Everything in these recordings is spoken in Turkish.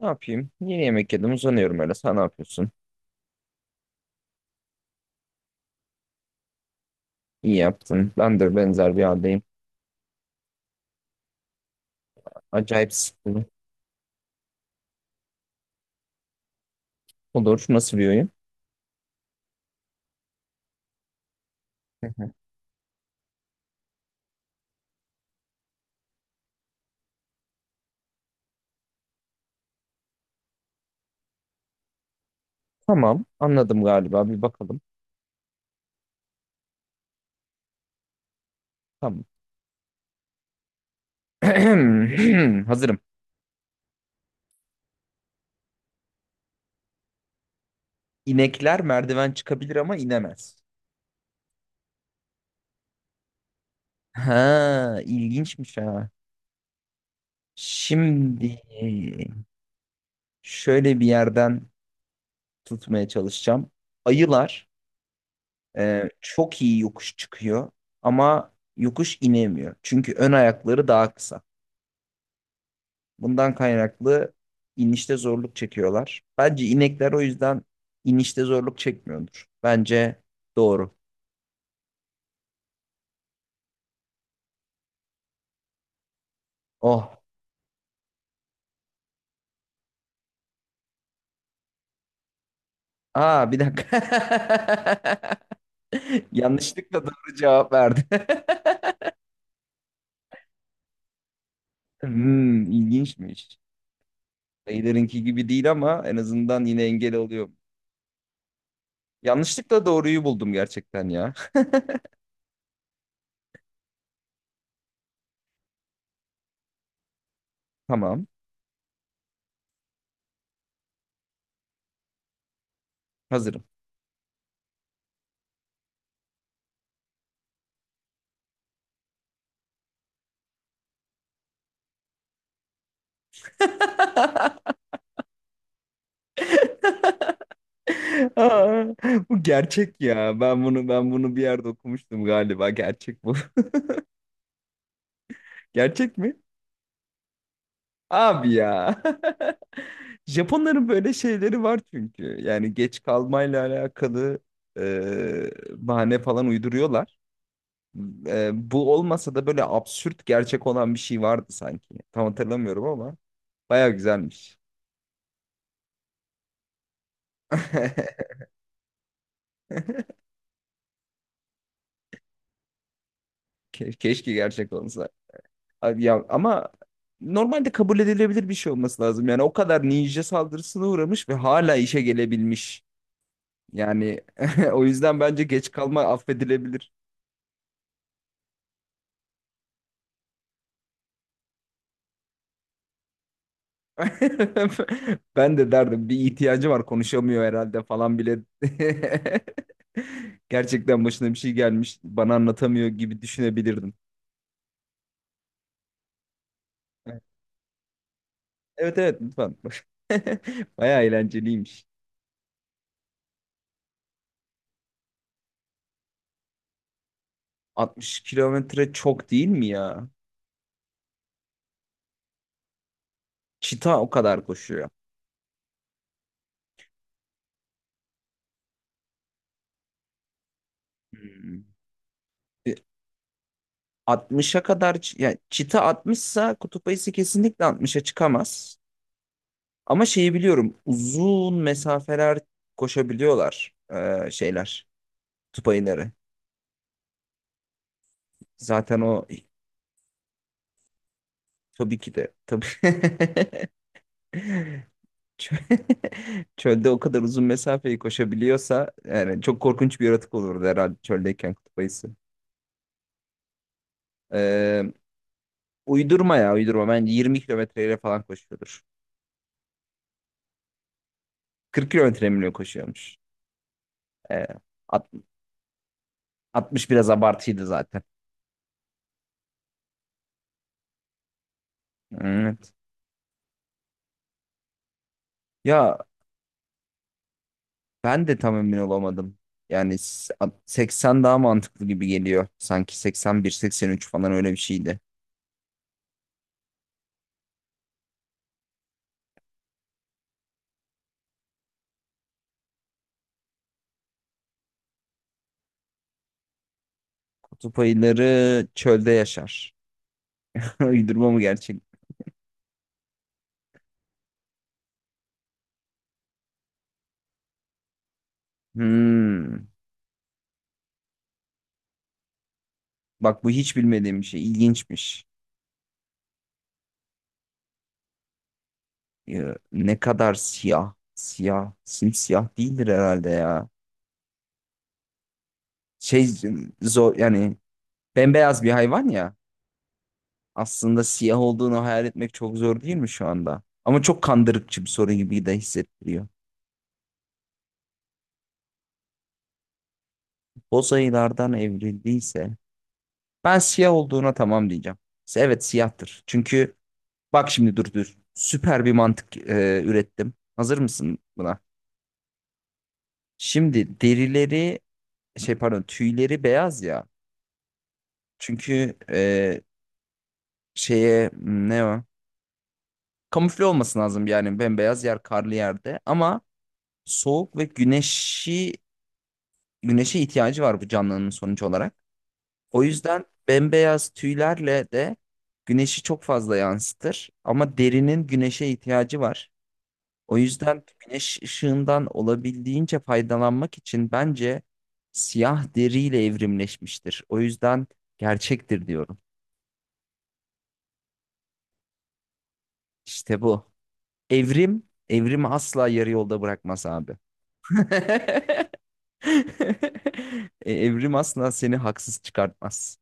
Ne yapayım? Yeni yemek yedim uzanıyorum öyle. Sen ne yapıyorsun? İyi yaptın. Ben de benzer bir haldeyim. Acayip sıkıldım. Olur. Nasıl bir oyun? Hı hı. Tamam. Anladım galiba. Bir bakalım. Tamam. Hazırım. İnekler merdiven çıkabilir ama inemez. Ha, ilginçmiş ha. Şimdi şöyle bir yerden tutmaya çalışacağım. Ayılar çok iyi yokuş çıkıyor ama yokuş inemiyor. Çünkü ön ayakları daha kısa. Bundan kaynaklı inişte zorluk çekiyorlar. Bence inekler o yüzden inişte zorluk çekmiyordur. Bence doğru. Oh. Aa bir dakika. Yanlışlıkla doğru cevap verdi. Hmm, ilginçmiş. Dayılarınki gibi değil ama en azından yine engel oluyor. Yanlışlıkla doğruyu buldum gerçekten ya. Tamam, hazırım. Aa, bu gerçek ya. Ben bunu bir yerde okumuştum galiba. Gerçek bu. Gerçek mi? Abi ya. Japonların böyle şeyleri var çünkü. Yani geç kalmayla alakalı e, bahane falan uyduruyorlar. Bu olmasa da böyle absürt gerçek olan bir şey vardı sanki. Tam hatırlamıyorum ama baya güzelmiş. Keşke gerçek olsa. Abi ya ama normalde kabul edilebilir bir şey olması lazım. Yani o kadar ninja saldırısına uğramış ve hala işe gelebilmiş. Yani o yüzden bence geç kalma affedilebilir. Ben de derdim bir ihtiyacı var konuşamıyor herhalde falan bile. Gerçekten başına bir şey gelmiş bana anlatamıyor gibi düşünebilirdim. Evet evet lütfen. Bayağı eğlenceliymiş. 60 kilometre çok değil mi ya? Çita o kadar koşuyor. Hmm. E, 60'a kadar yani çita 60'sa kutup ayısı kesinlikle 60'a çıkamaz. Ama şeyi biliyorum uzun mesafeler koşabiliyorlar şeyler kutup ayıları. Zaten o tabii ki de tabii Çö- çölde o kadar uzun mesafeyi koşabiliyorsa yani çok korkunç bir yaratık olurdu herhalde çöldeyken kutup ayısı. Ee, uydurma ya uydurma bence 20 kilometreyle falan koşuyordur. 40 kilometre mi ne koşuyormuş? Ee, alt- 60 biraz abartıydı zaten. Evet. Ya ben de tam emin olamadım. Yani 80 daha mantıklı gibi geliyor. Sanki 81-83 falan öyle bir şeydi. Kutup ayıları çölde yaşar. Uydurma mı gerçek? Hmm. Bak bu hiç bilmediğim bir şey. İlginçmiş. Ya, ne kadar siyah. Siyah. Simsiyah değildir herhalde ya. Şey zor yani bembeyaz bir hayvan ya. Aslında siyah olduğunu hayal etmek çok zor değil mi şu anda? Ama çok kandırıkçı bir soru gibi de hissettiriyor. Boz ayılardan evrildiyse ben siyah olduğuna tamam diyeceğim. İşte evet siyahtır. Çünkü bak şimdi dur dur. Süper bir mantık ürettim. Hazır mısın buna? Şimdi derileri şey pardon tüyleri beyaz ya. Çünkü şeye ne o? Kamufle olması lazım yani bembeyaz yer karlı yerde ama soğuk ve güneşi güneşe ihtiyacı var bu canlının sonucu olarak. O yüzden bembeyaz tüylerle de güneşi çok fazla yansıtır ama derinin güneşe ihtiyacı var. O yüzden güneş ışığından olabildiğince faydalanmak için bence siyah deriyle evrimleşmiştir. O yüzden gerçektir diyorum. İşte bu. Evrim, evrimi asla yarı yolda bırakmaz abi. Evrim asla seni haksız çıkartmaz.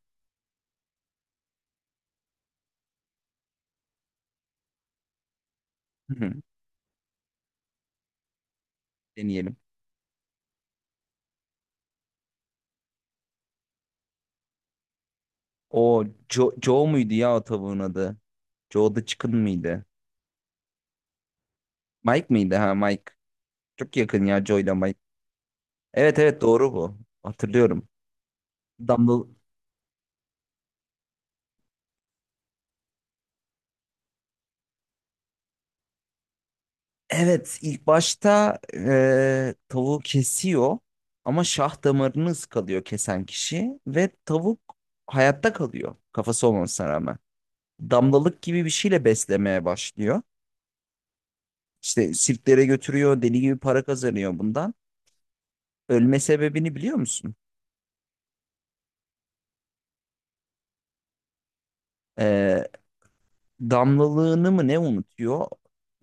Hı hı. Deneyelim. O Joe, Joe muydu ya o tavuğun adı? Joe the Chicken mıydı? Mike mıydı ha Mike? Çok yakın ya Joe ile Mike. Evet evet doğru bu. Hatırlıyorum. Dumble. Evet, ilk başta tavuğu kesiyor ama şah damarını ıskalıyor kesen kişi ve tavuk hayatta kalıyor kafası olmasına rağmen. Damlalık gibi bir şeyle beslemeye başlıyor. İşte sirklere götürüyor, deli gibi para kazanıyor bundan. Ölme sebebini biliyor musun? Eee, damlalığını mı ne unutuyor?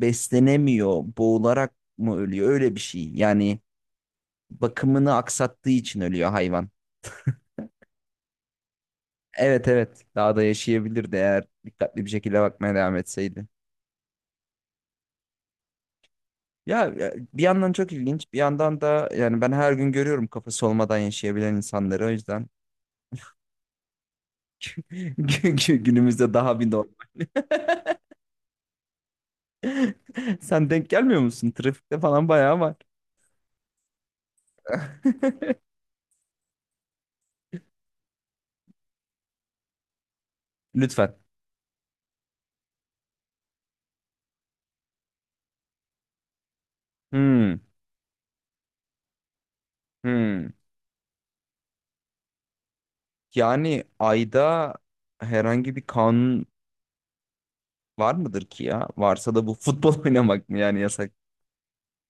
Beslenemiyor, boğularak mı ölüyor? Öyle bir şey. Yani bakımını aksattığı için ölüyor hayvan. Evet evet daha da yaşayabilirdi eğer dikkatli bir şekilde bakmaya devam etseydi. Ya ya, bir yandan çok ilginç bir yandan da yani ben her gün görüyorum kafası olmadan yaşayabilen insanları o yüzden günümüzde daha bir norm. Sen denk gelmiyor musun? Trafikte falan bayağı var. Lütfen. Hmm, hmm. Yani ayda herhangi bir kanun var mıdır ki ya? Varsa da bu futbol oynamak mı yani yasak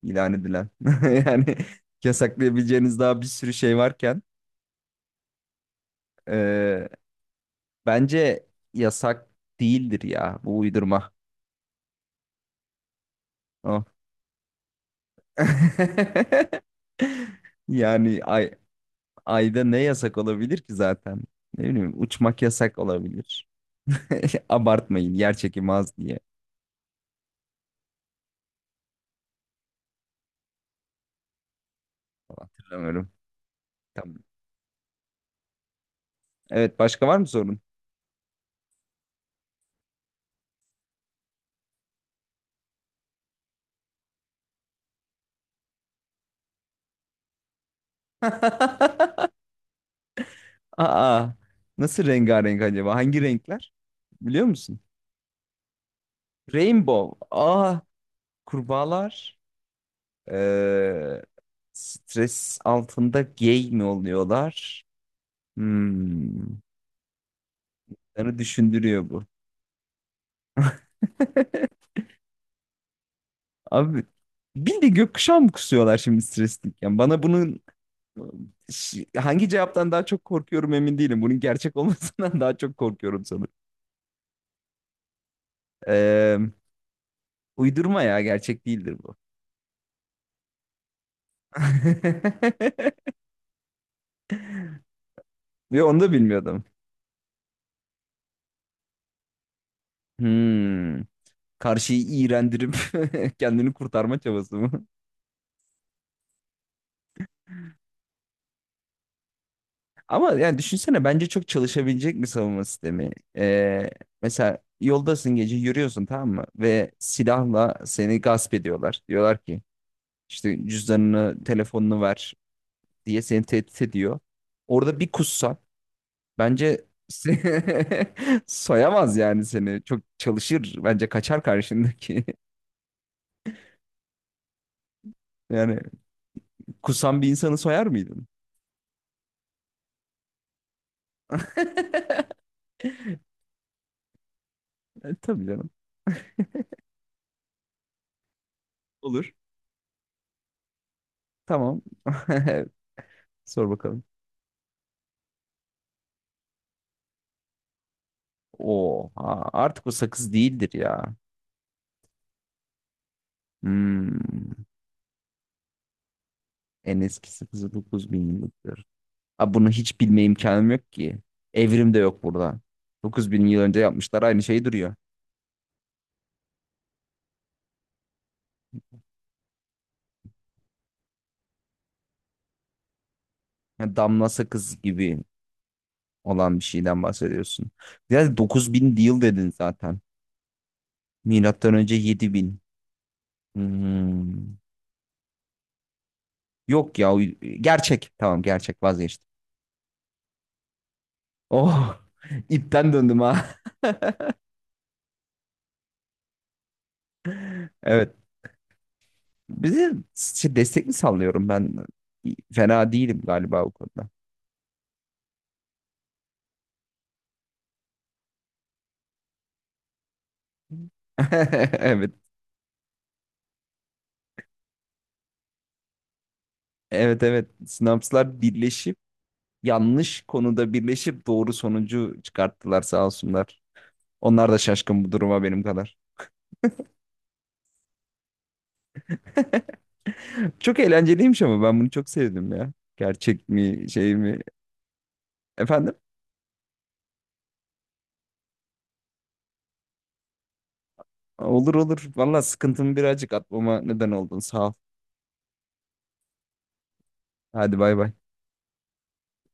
ilan edilen? Yani yasaklayabileceğiniz daha bir sürü şey varken. Ee, bence yasak değildir ya bu uydurma. Oh. Yani ayda ne yasak olabilir ki zaten? Ne bileyim uçmak yasak olabilir. Abartmayın yer çekimi az diye. Hatırlamıyorum. Tamam. Evet başka var mı sorun? Aa, nasıl rengarenk acaba? Hangi renkler? Biliyor musun? Rainbow. Aa kurbağalar. Ee, stres altında gay mi oluyorlar? Hmm. Beni düşündürüyor bu. Abi bildiğin gökkuşağı mı kusuyorlar şimdi stresliyken? Bana bunun hangi cevaptan daha çok korkuyorum emin değilim. Bunun gerçek olmasından daha çok korkuyorum sanırım. Ee, uydurma ya gerçek değildir bu. Ve onu da bilmiyordum. Hmm. Karşıyı iğrendirip kendini kurtarma çabası mı? Ama yani düşünsene bence çok çalışabilecek bir savunma sistemi. Ee, mesela yoldasın gece yürüyorsun tamam mı? Ve silahla seni gasp ediyorlar. Diyorlar ki işte cüzdanını, telefonunu ver diye seni tehdit ediyor. Orada bir kussan bence soyamaz yani seni. Çok çalışır bence kaçar karşındaki. Yani kusan bir insanı soyar mıydın? Tabii canım. Olur. Tamam. Sor bakalım. Oha artık o sakız değildir ya. Hmm. En eski sakızı 9000 yıllıktır. Abi bunu hiç bilme imkanım yok ki. Evrim de yok burada. 9000 yıl önce yapmışlar aynı şey duruyor. Yani damla sakız gibi olan bir şeyden bahsediyorsun. Ya 9000 yıl dedin zaten. Milattan önce 7000. Hmm. Yok ya gerçek. Tamam gerçek vazgeçtim. Oh ipten döndüm ha. Evet. Bize şey, destek mi sallıyorum ben? Fena değilim galiba o konuda. Evet. Evet evet. Sinapslar birleşip yanlış konuda birleşip doğru sonucu çıkarttılar sağ olsunlar. Onlar da şaşkın bu duruma benim kadar. Çok eğlenceliymiş ama ben bunu çok sevdim ya. Gerçek mi şey mi? Efendim? Olur olur. Valla sıkıntımı birazcık atmama neden oldun. Sağ ol. Hadi bay bay.